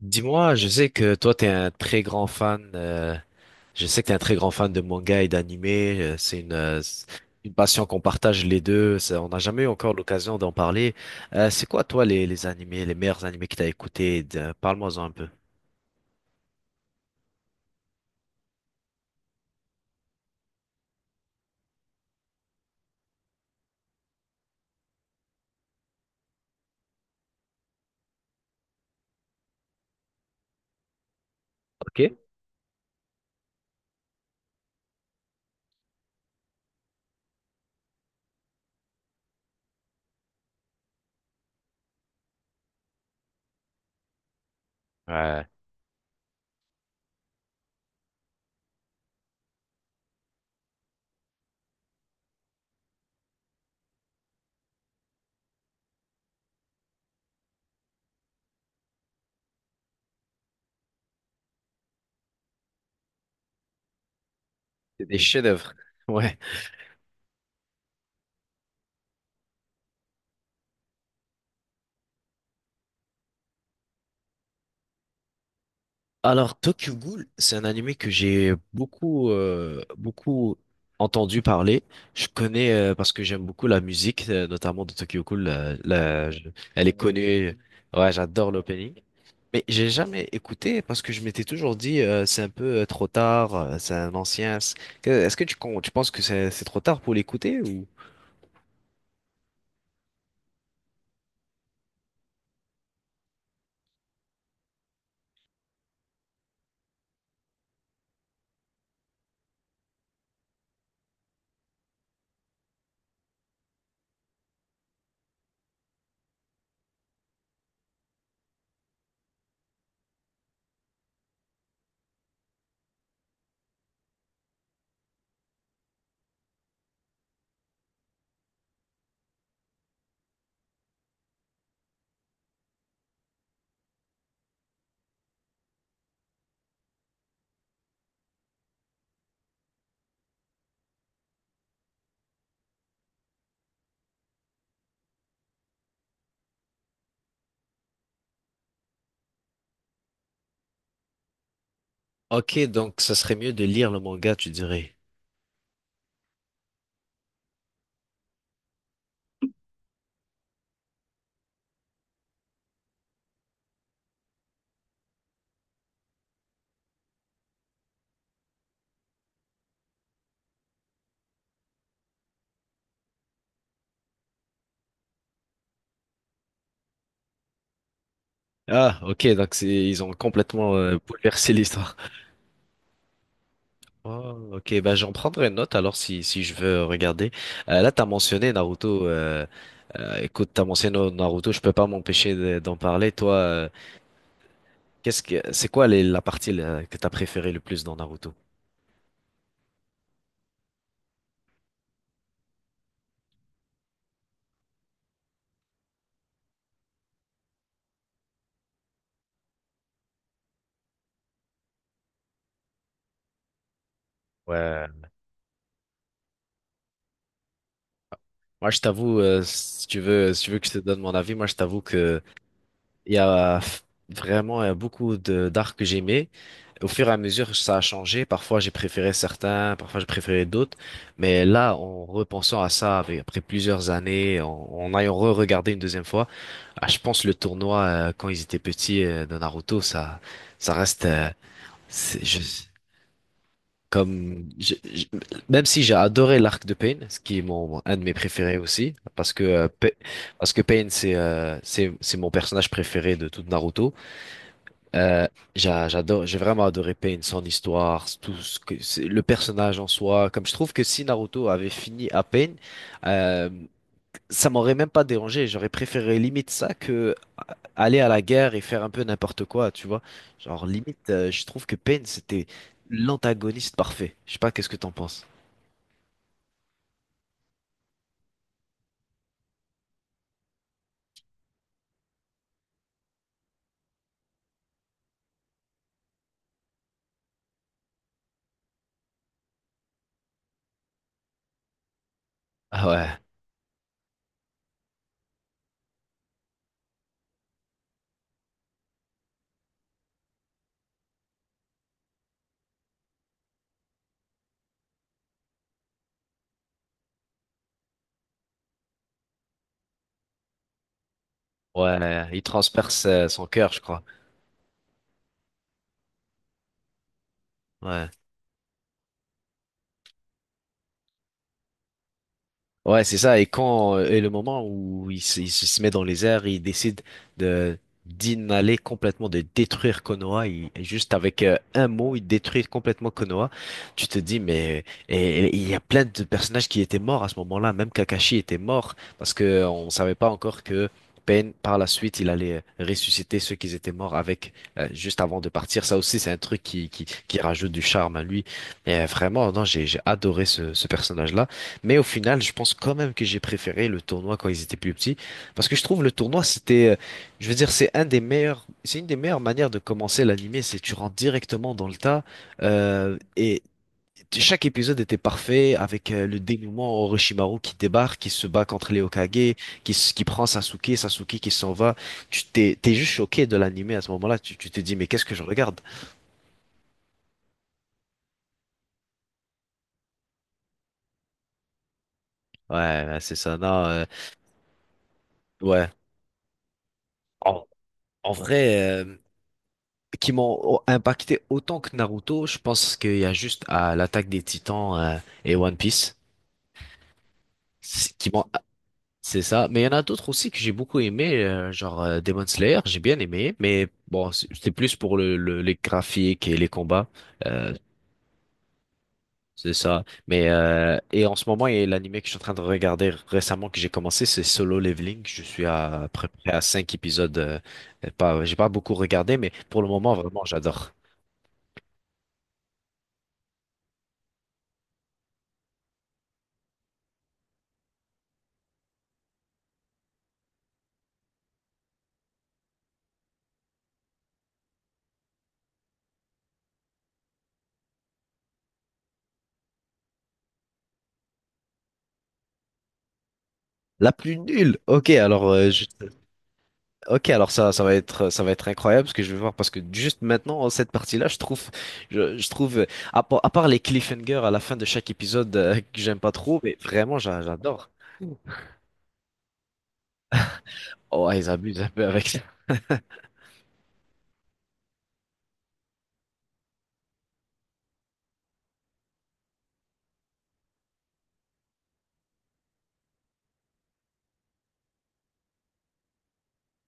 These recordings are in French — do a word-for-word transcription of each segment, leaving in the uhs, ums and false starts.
Dis-moi, je sais que toi, t'es un très grand fan, euh, je sais que t'es un très grand fan de manga et d'anime, euh, c'est une, euh, c'est une passion qu'on partage les deux, ça, on n'a jamais eu encore l'occasion d'en parler. Euh, c'est quoi, toi, les, les animés, les meilleurs animés que t'as écoutés? de- Parle-moi-en un peu. Ok. Ouais, c'est des chefs-d'œuvre. Ouais. Alors, Tokyo Ghoul, c'est un animé que j'ai beaucoup, euh, beaucoup entendu parler. Je connais euh, parce que j'aime beaucoup la musique, euh, notamment de Tokyo Ghoul. Euh, la- je- elle est connue. Ouais, j'adore l'opening. Mais j'ai jamais écouté parce que je m'étais toujours dit euh, c'est un peu euh, trop tard, euh, c'est un ancien. c'est- que- Est-ce que tu, con- tu penses que c'est c'est trop tard pour l'écouter ou? Ok, donc ça serait mieux de lire le manga, tu dirais. Ah, ok, donc c'est ils ont complètement euh, bouleversé l'histoire. Oh, ok, bah j'en prendrai note alors si si je veux regarder. Euh, là, t'as mentionné Naruto. Euh, euh, écoute, t'as mentionné Naruto, je peux pas m'empêcher de- d'en parler. Toi, euh, qu'est-ce que c'est quoi les, la partie là, que t'as préférée le plus dans Naruto? Ouais, moi je t'avoue, euh, si tu veux, si tu veux que je te donne mon avis, moi je t'avoue que il y a vraiment euh, beaucoup de d'arcs que j'aimais. Au fur et à mesure, ça a changé. Parfois, j'ai préféré certains, parfois j'ai préféré d'autres. Mais là, en repensant à ça, avec- après plusieurs années, en, en ayant re-regardé une deuxième fois, ah, je pense le tournoi euh, quand ils étaient petits euh, de Naruto, ça, ça reste euh, c'est- je- comme je- je- même si j'ai adoré l'arc de Pain, ce qui est mon un de mes préférés aussi, parce que euh, Pain- parce que Pain c'est euh, c'est c'est mon personnage préféré de tout Naruto. Euh, j'a- J'adore, j'ai vraiment adoré Pain, son histoire, tout ce que c'est, le personnage en soi. Comme je trouve que si Naruto avait fini à Pain, euh, ça m'aurait même pas dérangé. J'aurais préféré limite ça que euh, aller à la guerre et faire un peu n'importe quoi, tu vois. Genre limite, euh, je trouve que Pain c'était l'antagoniste parfait. Je sais pas, qu'est-ce que t'en penses? Ah ouais, ouais, il transperce euh, son cœur, je crois. Ouais. Ouais, c'est ça. Et quand euh, et le moment où il, se il se il se met dans les airs, il décide de d'inhaler complètement, de détruire Konoha. Il, juste avec euh, un mot, il détruit complètement Konoha. Tu te dis, mais et, et il y a plein de personnages qui étaient morts à ce moment-là. Même Kakashi était mort parce que euh, on savait pas encore que Pain, par la suite, il allait euh, ressusciter ceux qui étaient morts avec euh, juste avant de partir. Ça aussi, c'est un truc qui, qui qui rajoute du charme à lui. Et euh, vraiment, non, j'ai j'ai adoré ce ce personnage-là. Mais au final, je pense quand même que j'ai préféré le tournoi quand ils étaient plus petits, parce que je trouve le tournoi, c'était, euh, je veux dire, c'est un des meilleurs, c'est une des meilleures manières de commencer l'animé, c'est tu rentres directement dans le tas, euh, et t- chaque épisode était parfait avec euh, le dénouement Orochimaru qui débarque, qui se bat contre les Hokage, qui, s- qui prend Sasuke, Sasuke qui s'en va. Tu t'es, t'es juste choqué de l'animé à ce moment-là, tu, tu te dis mais qu'est-ce que je regarde? Ouais, ouais, c'est ça, non, euh, ouais. En, en vrai. Euh, qui m'ont impacté autant que Naruto, je pense qu'il y a juste à l'attaque des Titans euh, et One Piece c'est- qui m'ont c'est ça, mais il y en a d'autres aussi que j'ai beaucoup aimé euh, genre euh, Demon Slayer, j'ai bien aimé, mais bon, c'est- c'était plus pour le, le- les graphiques et les combats. euh, C'est ça. Mais euh, et en ce moment, il y a l'animé que je suis en train de regarder récemment que j'ai commencé, c'est Solo Leveling. Je suis à, à peu près à cinq épisodes. euh, pas, j'ai pas beaucoup regardé, mais pour le moment, vraiment, j'adore. La plus nulle. Ok, alors euh, je- ok, alors ça, ça va être, ça va être incroyable ce que je vais voir parce que juste maintenant cette partie-là, je trouve, je, je trouve, euh, à part à part les cliffhangers à la fin de chaque épisode euh, que j'aime pas trop, mais vraiment j'a- j'adore. Oh, ils abusent un peu avec ça.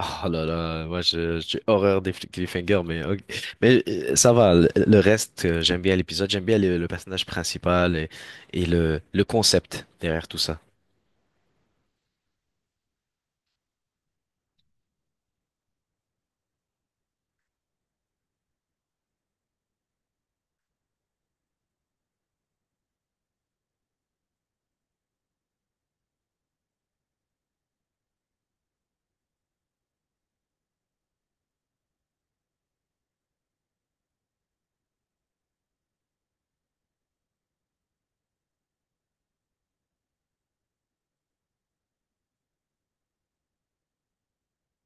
Oh là là, moi je, j'ai horreur des fl- cliffhangers, mais ok. Mais euh, ça va. Le, le reste, euh, j'aime bien l'épisode, j'aime bien le, le personnage principal et, et le, le concept derrière tout ça.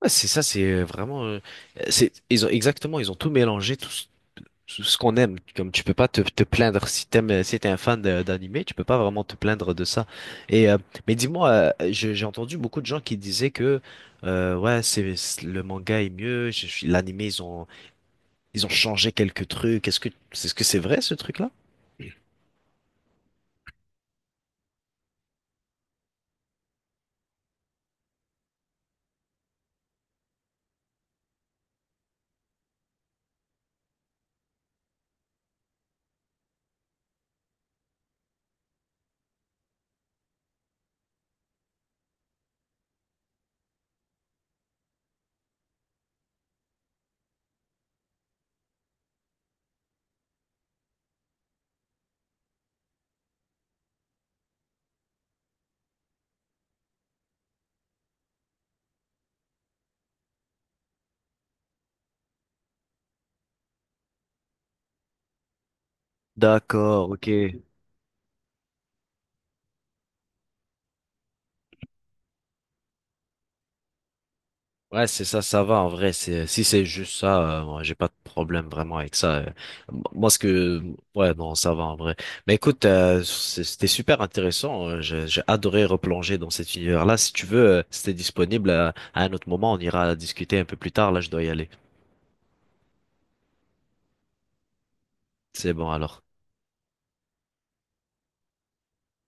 Ouais, c'est ça, c'est euh, vraiment, euh, c'est, ils ont exactement, ils ont tout mélangé, tout, ce tout ce qu'on aime. Comme tu peux pas te, te plaindre si t'aimes, euh, si t'es un fan de- d'animé, tu peux pas vraiment te plaindre de ça. Et euh, mais dis-moi, euh, je- j'ai entendu beaucoup de gens qui disaient que, euh, ouais, c'est c'est- le manga est mieux, je suis- l'animé ils ont, ils ont changé quelques trucs. Est-ce que, est-ce que c'est vrai ce truc-là? D'accord, ok. Ouais, c'est ça, ça va en vrai. C'est si c'est juste ça, euh, moi, j'ai pas de problème vraiment avec ça. euh. Moi, ce que ouais, non, ça va en vrai. Mais écoute, euh, c'est- c'était super intéressant. euh, J'ai j'ai adoré replonger dans cet univers-là. Si tu veux, euh, si t'es disponible euh, à un autre moment, on ira discuter un peu plus tard. Là, je dois y aller. C'est bon alors.